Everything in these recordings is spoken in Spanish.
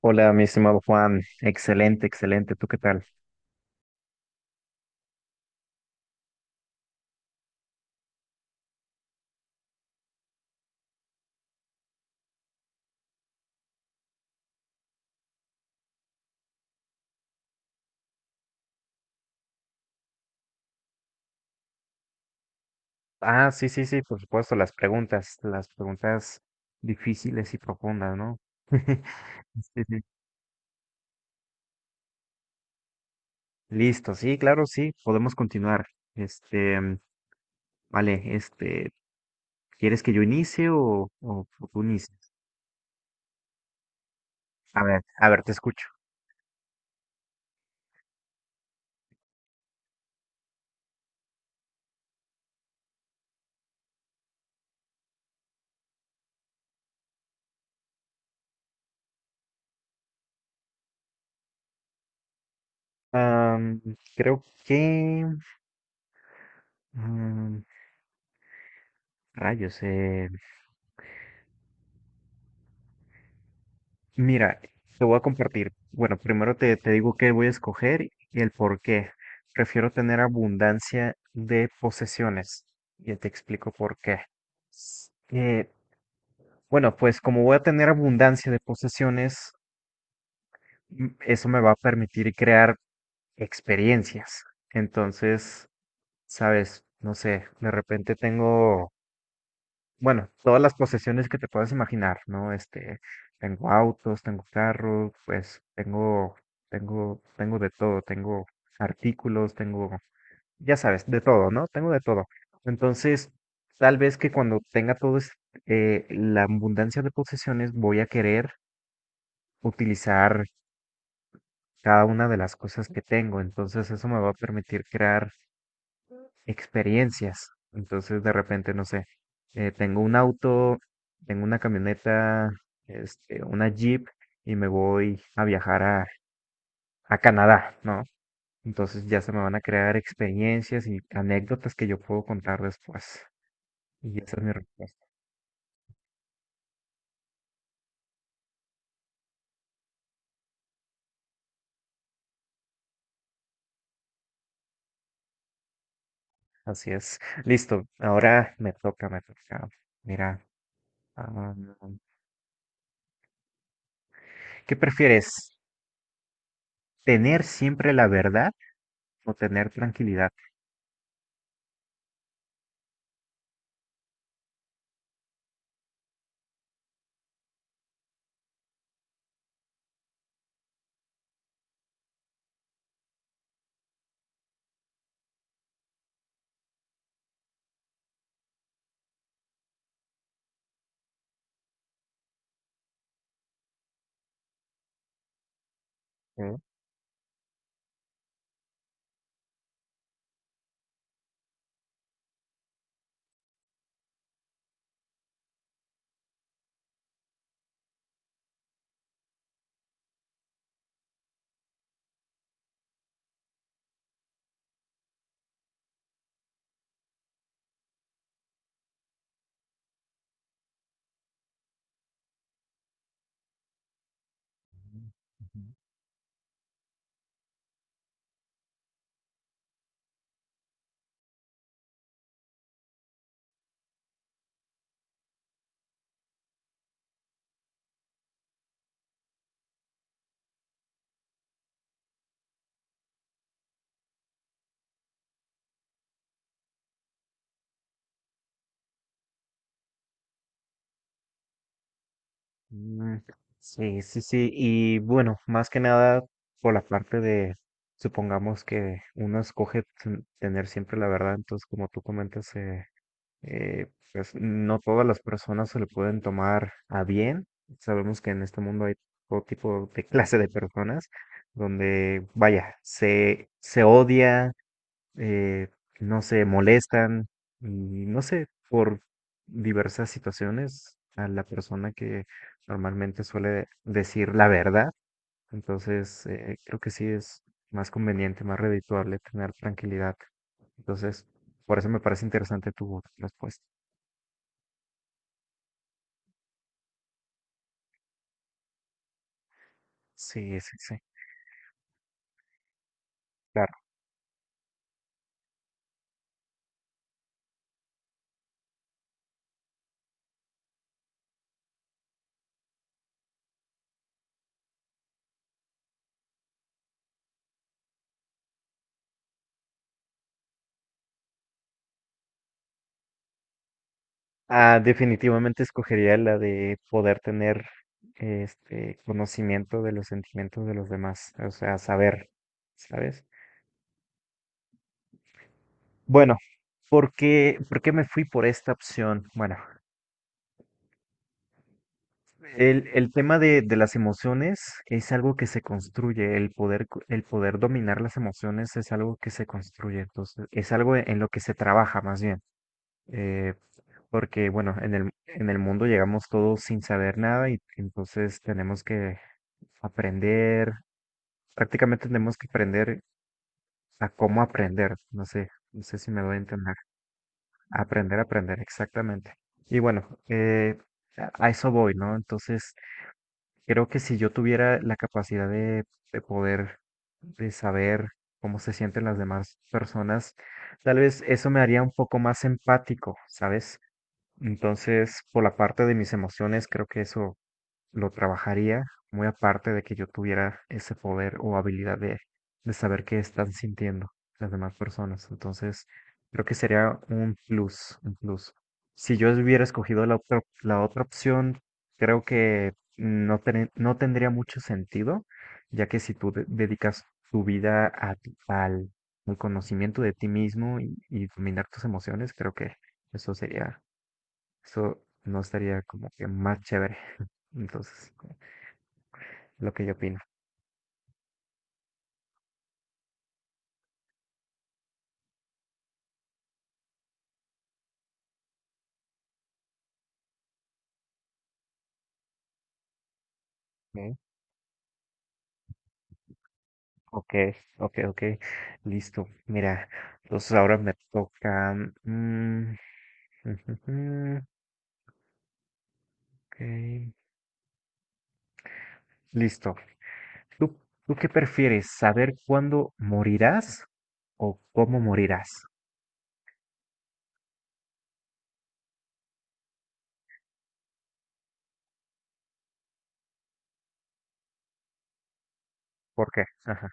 Hola, mi estimado Juan. Excelente, excelente. ¿Tú qué tal? Ah, sí, sí, sí, por supuesto, las preguntas difíciles y profundas, ¿no? Sí, sí. Listo, sí, claro, sí, podemos continuar. Este, vale, ¿quieres que yo inicie o tú inicies? A ver, te escucho. Am, creo que... am, rayos, mira, te voy a compartir. Bueno, primero te digo qué voy a escoger y el por qué. Prefiero tener abundancia de posesiones. Ya te explico por qué. S- eh, bueno, pues como voy a tener abundancia de posesiones, eso me va a permitir crear experiencias. Entonces, sabes, no sé, de repente tengo bueno, todas las posesiones que te puedas imaginar, ¿no? Este, tengo autos, tengo carros, pues tengo, tengo de todo, tengo artículos, tengo, ya sabes, de todo, ¿no? Tengo de todo. Entonces, tal vez que cuando tenga todo la abundancia de posesiones, voy a querer utilizar cada una de las cosas que tengo. Entonces, eso me va a permitir crear experiencias. Entonces, de repente, no sé, tengo un auto, tengo una camioneta, una Jeep y me voy a viajar a Canadá, ¿no? Entonces ya se me van a crear experiencias y anécdotas que yo puedo contar después. Y esa es mi respuesta. Así es. Listo. Ahora me toca, me toca. Mira, ah, ¿qué prefieres? ¿Tener siempre la verdad o tener tranquilidad? ¿Eh? Ujú. Mm, sí, sí, sí. Y bueno, más que nada por la parte de, supongamos que uno escoge tener siempre la verdad, entonces como tú comentas, eh, pues no todas las personas se lo pueden tomar a bien. Sabemos que en este mundo hay todo tipo de clase de personas donde, vaya, se odia, eh, no sé, molestan, y no sé, por diversas situaciones a la persona que normalmente suele decir la verdad. Entonces, creo que sí es más conveniente, más redituable tener tranquilidad. Entonces, por eso me parece interesante tu respuesta. Sí, sí, sí, claro. Ah, definitivamente escogería la de poder tener este conocimiento de los sentimientos de los demás, o sea, saber, ¿sabes? Bueno, por qué me fui por esta opción? Bueno, el tema de las emociones es algo que se construye, el poder, el poder dominar las emociones es algo que se construye, entonces es algo en lo que se trabaja más bien, eh, porque bueno, en el mundo llegamos todos sin saber nada y entonces tenemos que aprender, prácticamente tenemos que aprender a cómo aprender, no sé, no sé si me doy a entender. Aprender, aprender, exactamente. Y bueno, a eso voy, ¿no? Entonces, creo que si yo tuviera la capacidad de poder, de saber cómo se sienten las demás personas, tal vez eso me haría un poco más empático, ¿sabes? Entonces, por la parte de mis emociones, creo que eso lo trabajaría muy aparte de que yo tuviera ese poder o habilidad de saber qué están sintiendo las demás personas. Entonces, creo que sería un plus, un plus. Si yo hubiera escogido la otra opción, creo que no, no tendría mucho sentido, ya que si tú dedicas tu vida a al conocimiento de ti mismo y dominar tus emociones, creo que eso sería, eso no estaría como que más chévere. Entonces lo que yo opino. ¿No? Ok, ok, ok, listo. Mira, entonces ahora me toca. mm, ok, listo. ¿Tú, tú qué prefieres? ¿Saber cuándo morirás o cómo morirás? ¿Por qué? Ajá.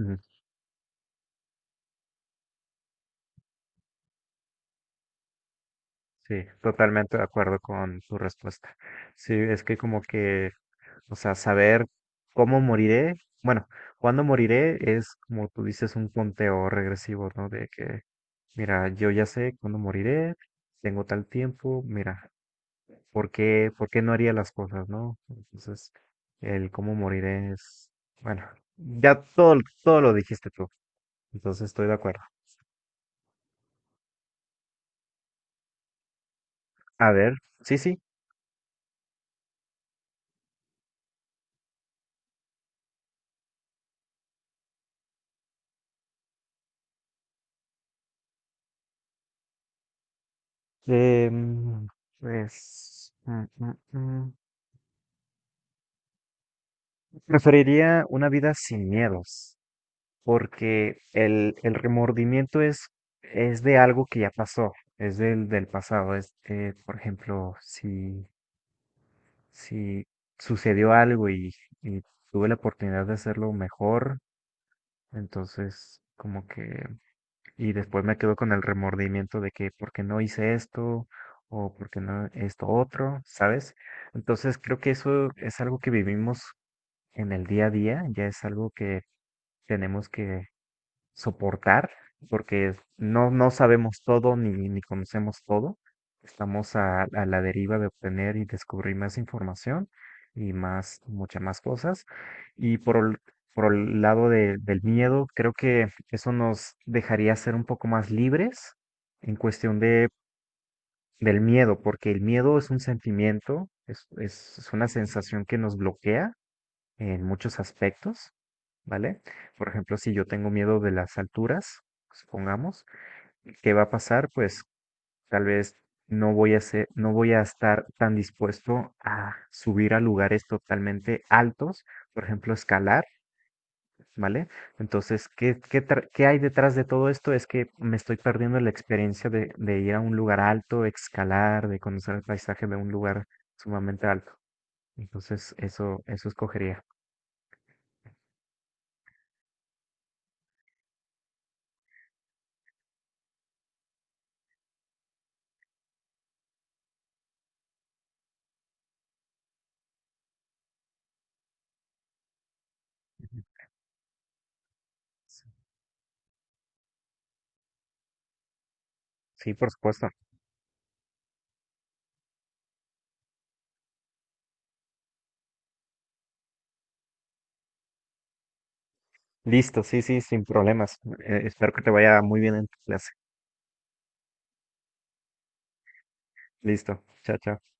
Ok. Sí, totalmente de acuerdo con tu respuesta. Sí, es que como que, o sea, saber cómo moriré, bueno, cuándo moriré es como tú dices un conteo regresivo, ¿no? De que, mira, yo ya sé cuándo moriré, tengo tal tiempo, mira, por qué no haría las cosas, ¿no? Entonces, el cómo moriré es, bueno, ya todo, todo lo dijiste tú, entonces estoy de acuerdo. A ver, sí, sí. Em, pues, mm, preferiría una vida sin miedos, porque el remordimiento es de algo que ya pasó, es del pasado. Es, por ejemplo, si, si sucedió algo y tuve la oportunidad de hacerlo mejor, entonces como que y después me quedo con el remordimiento de que por qué no hice esto o por qué no esto otro, ¿sabes? Entonces creo que eso es algo que vivimos en el día a día, ya es algo que tenemos que soportar, porque no, no sabemos todo ni, ni conocemos todo. Estamos a la deriva de obtener y descubrir más información y más, muchas más cosas. Y por el lado del miedo, creo que eso nos dejaría ser un poco más libres en cuestión de, del miedo, porque el miedo es un sentimiento, es una sensación que nos bloquea en muchos aspectos, ¿vale? Por ejemplo, si yo tengo miedo de las alturas, supongamos, ¿qué va a pasar? Pues tal vez no voy a ser, no voy a estar tan dispuesto a subir a lugares totalmente altos, por ejemplo, escalar, ¿vale? Entonces, ¿ qué hay detrás de todo esto? Es que me estoy perdiendo la experiencia de ir a un lugar alto, escalar, de conocer el paisaje de un lugar sumamente alto. Entonces, eso escogería. Sí, por supuesto. Listo, sí, sí, sin problemas. Espero que te vaya muy bien en tu clase. Listo, chao, chao.